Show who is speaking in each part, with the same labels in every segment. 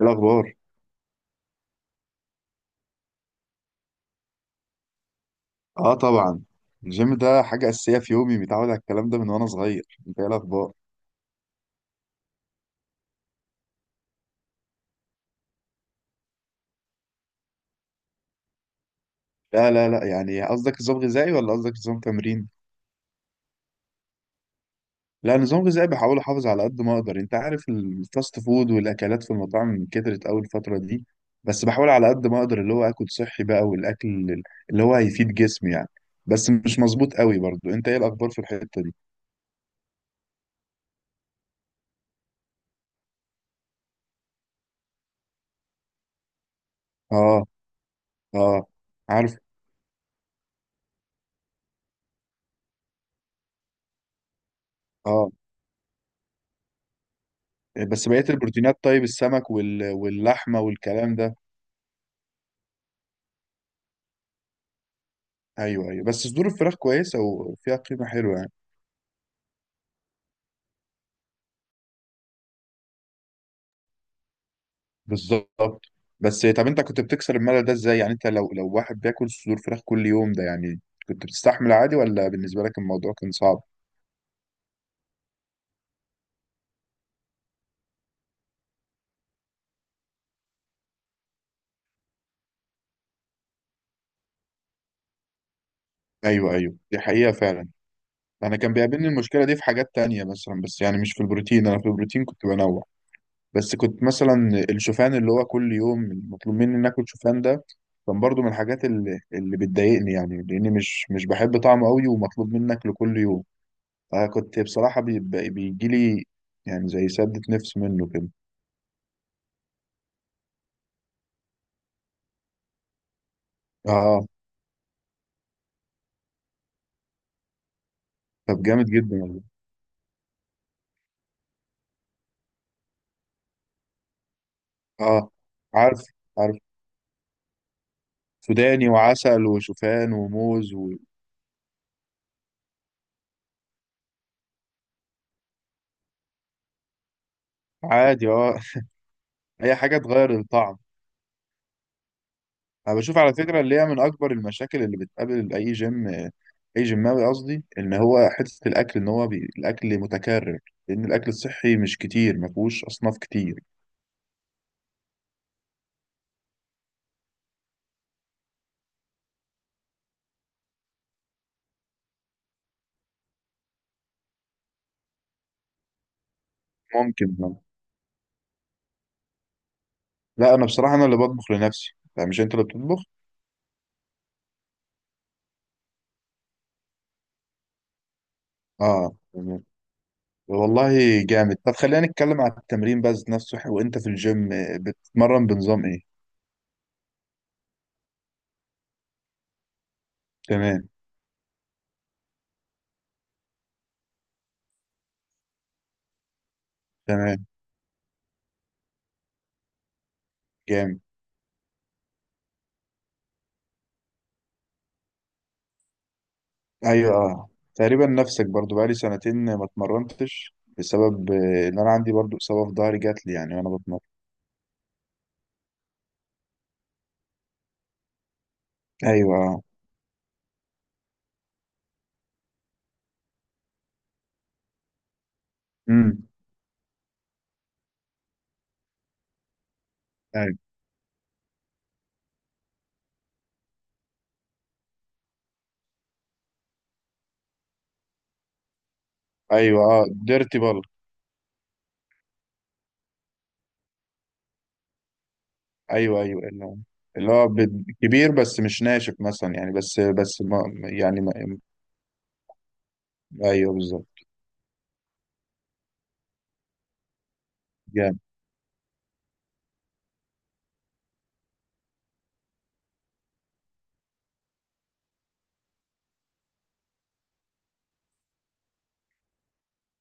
Speaker 1: إيه الأخبار؟ آه، طبعا. الجيم ده حاجة أساسية في يومي، متعود على الكلام ده من وأنا صغير. أنت إيه الأخبار؟ لا لا لا، يعني قصدك نظام غذائي ولا قصدك نظام تمرين؟ لا، نظام غذائي بحاول أحافظ على قد ما أقدر. أنت عارف الفاست فود والأكلات في المطاعم كترت أوي الفترة دي، بس بحاول على قد ما أقدر اللي هو آكل صحي بقى، والأكل اللي هو هيفيد جسمي يعني. بس مش مظبوط أوي برضو. أنت إيه الأخبار في الحتة دي؟ آه. آه. عارف. آه. بس بقية البروتينات؟ طيب السمك واللحمة والكلام ده. ايوه، ايوه، بس صدور الفراخ كويسه وفيها قيمه حلوه يعني. بالظبط. بس طب انت كنت بتكسر الملل ده ازاي يعني؟ انت لو واحد بياكل صدور فراخ كل يوم ده يعني، كنت بتستحمل عادي ولا بالنسبه لك الموضوع كان صعب؟ ايوه، ايوه، دي حقيقه فعلا. انا كان بيقابلني المشكله دي في حاجات تانية مثلا، بس يعني مش في البروتين، انا في البروتين كنت بنوع. بس كنت مثلا الشوفان اللي هو كل يوم مطلوب مني ان اكل شوفان ده، كان برضو من الحاجات اللي بتضايقني يعني، لاني مش بحب طعمه قوي ومطلوب مني اكله كل يوم. آه، كنت بصراحة بيجي لي يعني زي سدة نفس منه كده. اه، طب جامد جدا والله. اه. عارف، عارف، سوداني وعسل وشوفان وموز. وعادي، اه. اي حاجة تغير الطعم. انا بشوف على فكرة اللي هي من اكبر المشاكل اللي بتقابل اي جيم، اي جيماوي قصدي، ان هو حتة الاكل، ان هو الاكل متكرر، لان الاكل الصحي مش كتير، ما فيهوش اصناف كتير. ممكن، آه. لا انا بصراحة انا اللي بطبخ لنفسي. لا، مش انت اللي بتطبخ؟ اه، والله. جامد. طب خلينا نتكلم على التمرين بس نفسه، وانت في الجيم بتتمرن بنظام ايه؟ تمام. تمام. جامد. ايوه، اه، تقريبا نفسك، برضو بقالي سنتين ما اتمرنتش بسبب ان انا عندي برضو اصابه في ظهري جات لي يعني وانا بتمرن. ايوه، اه. امم. ايوه، ايوه، اه، ديرتي بال. ايوه، ايوه، اللي هو اللي هو كبير بس مش ناشف مثلا يعني، بس ما يعني، ما. ايوه بالظبط. جامد.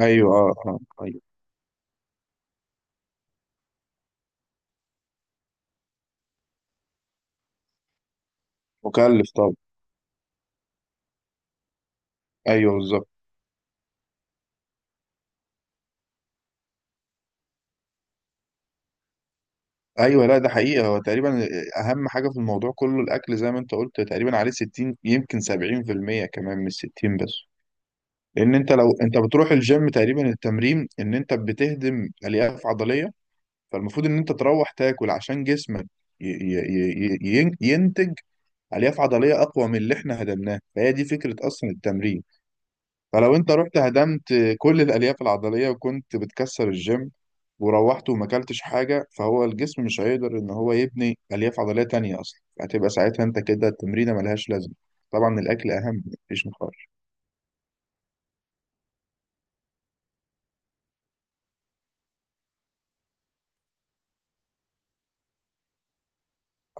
Speaker 1: ايوه، اه، اه، ايوه. مكلف طبعا. ايوه بالظبط. ايوه، لا ده حقيقه، هو تقريبا اهم حاجه في الموضوع كله الاكل، زي ما انت قلت تقريبا عليه 60 يمكن 70% كمان، مش 60 بس. لان انت لو انت بتروح الجيم تقريبا، التمرين ان انت بتهدم الياف عضليه، فالمفروض ان انت تروح تاكل عشان جسمك ينتج الياف عضليه اقوى من اللي احنا هدمناه، فهي دي فكره اصلا التمرين. فلو انت رحت هدمت كل الالياف العضليه وكنت بتكسر الجيم وروحت وما اكلتش حاجه، فهو الجسم مش هيقدر ان هو يبني الياف عضليه تانية اصلا، هتبقى ساعتها انت كده التمرينه ملهاش لازمه. طبعا الاكل اهم، مفيش نقاش.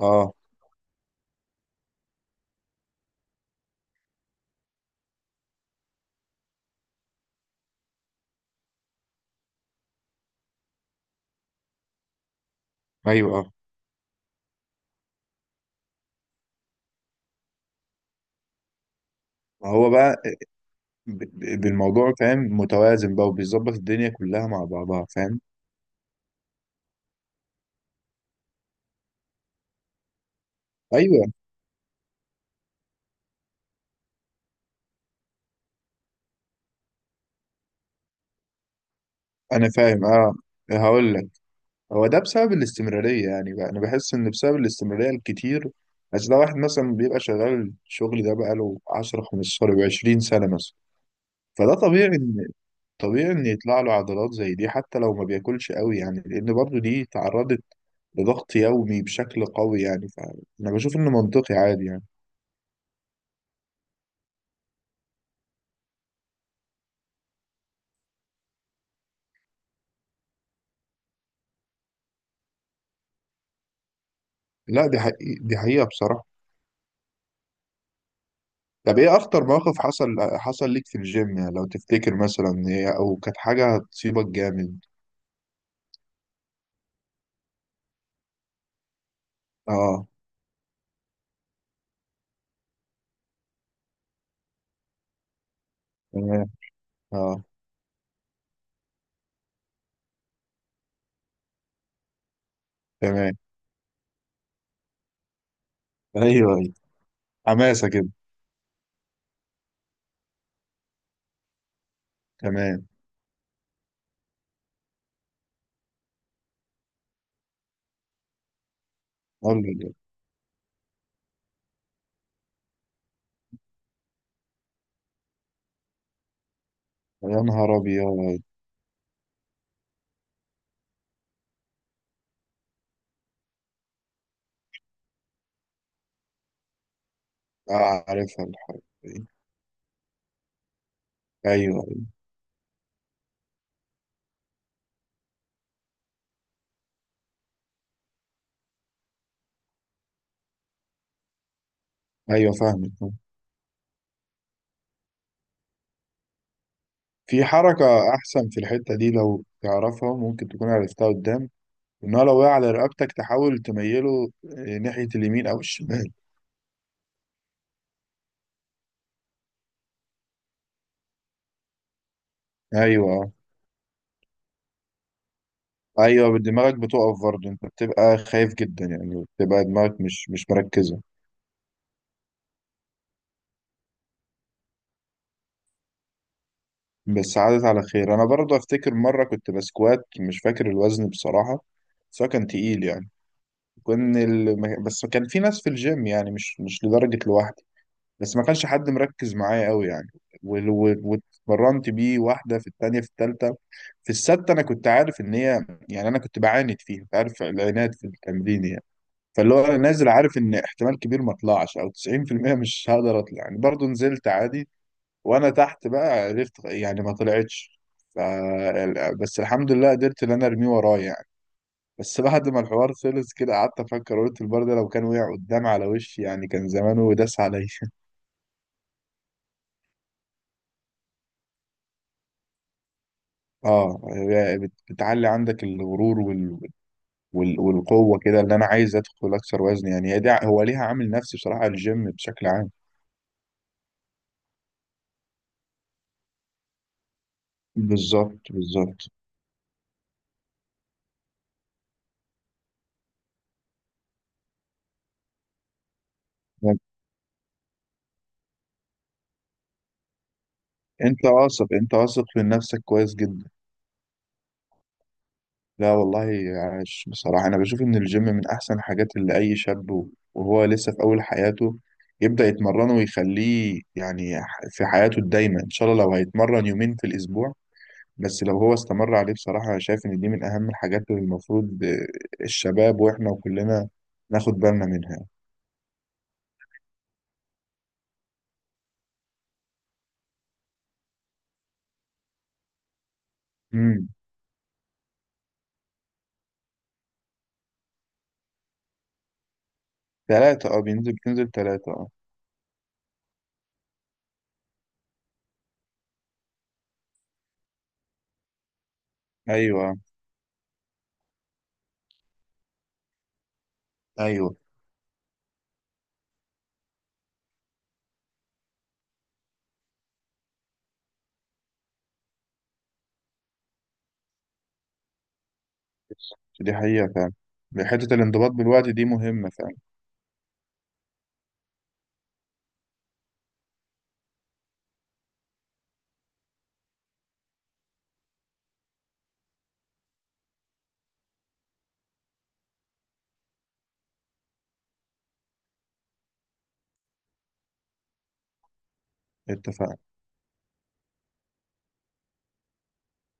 Speaker 1: اه. ايوه، اه. ما هو بقى بالموضوع فاهم، متوازن بقى وبيظبط الدنيا كلها مع بعضها، فاهم. ايوه، انا فاهم، اه. هقول لك، هو ده بسبب الاستمرارية يعني بقى، أنا بحس إن بسبب الاستمرارية الكتير. بس ده واحد مثلا بيبقى شغال الشغل ده بقاله 10 15 20 سنة مثلا، فده طبيعي إن يطلع له عضلات زي دي حتى لو ما بياكلش قوي يعني، لأن برضه دي تعرضت لضغط يومي بشكل قوي يعني، فأنا بشوف إنه منطقي عادي يعني. لا دي حقيقة، دي حقيقة بصراحة. طب إيه أخطر موقف حصل ليك في الجيم يعني؟ لو تفتكر مثلا إيه، أو كانت حاجة هتصيبك جامد. أه، تمام. أه، تمام. ايوه، ايوه، حماسه كده. تمام. قول لي كده. يا نهار ابيض. آه، عارفها الحركه دي. ايوه، ايوه، ايوه، فاهمك. في حركه احسن في الحته دي لو تعرفها، ممكن تكون عرفتها قدام، ان هو لو وقع على رقبتك تحاول تميله ناحيه اليمين او الشمال. ايوه، آه. ايوه، دماغك بتقف برضه، انت بتبقى خايف جدا يعني، بتبقى دماغك مش مركزه. بس عادت على خير. انا برضه افتكر مره كنت بسكوات، مش فاكر الوزن بصراحه، بس هو كان تقيل يعني، كان ال... ما- بس كان في ناس في الجيم يعني، مش لدرجة لوحدي، بس ما كانش حد مركز معايا قوي يعني. وال- وال- واتمرنت بيه واحدة في التانية في التالتة في السادسة. أنا كنت عارف إن هي يعني، أنا كنت بعاند فيها، كنت عارف العناد في التمرين يعني. فاللي هو أنا نازل عارف إن احتمال كبير ما أطلعش، أو 90% مش هقدر أطلع يعني، برضه نزلت عادي. وأنا تحت بقى عرفت يعني ما طلعتش، ف... بس الحمد لله قدرت إن أنا أرميه ورايا يعني. بس بعد ما الحوار خلص كده قعدت افكر، قلت البار ده لو كان وقع قدام على وشي يعني، كان زمانه داس عليا. اه، هي بتعلي عندك الغرور والقوه كده، اللي انا عايز ادخل اكثر وزن يعني، هي دي هو ليها عامل نفسي بصراحه الجيم بشكل عام. بالظبط، بالظبط. انت واثق، انت واثق من نفسك كويس جدا. لا والله. عاش. بصراحة أنا بشوف إن الجيم من أحسن الحاجات اللي أي شاب وهو لسه في أول حياته يبدأ يتمرنه ويخليه يعني في حياته الدايمة إن شاء الله. لو هيتمرن يومين في الأسبوع بس لو هو استمر عليه، بصراحة أنا شايف إن دي من أهم الحاجات اللي المفروض الشباب وإحنا وكلنا ناخد بالنا منها. امم. ثلاثة، أه. بتنزل ثلاثة، أه. أيوه، أيوه، دي حقيقة فعلا. حتة الانضباط بالوقت دي مهمة فعلا. اتفق.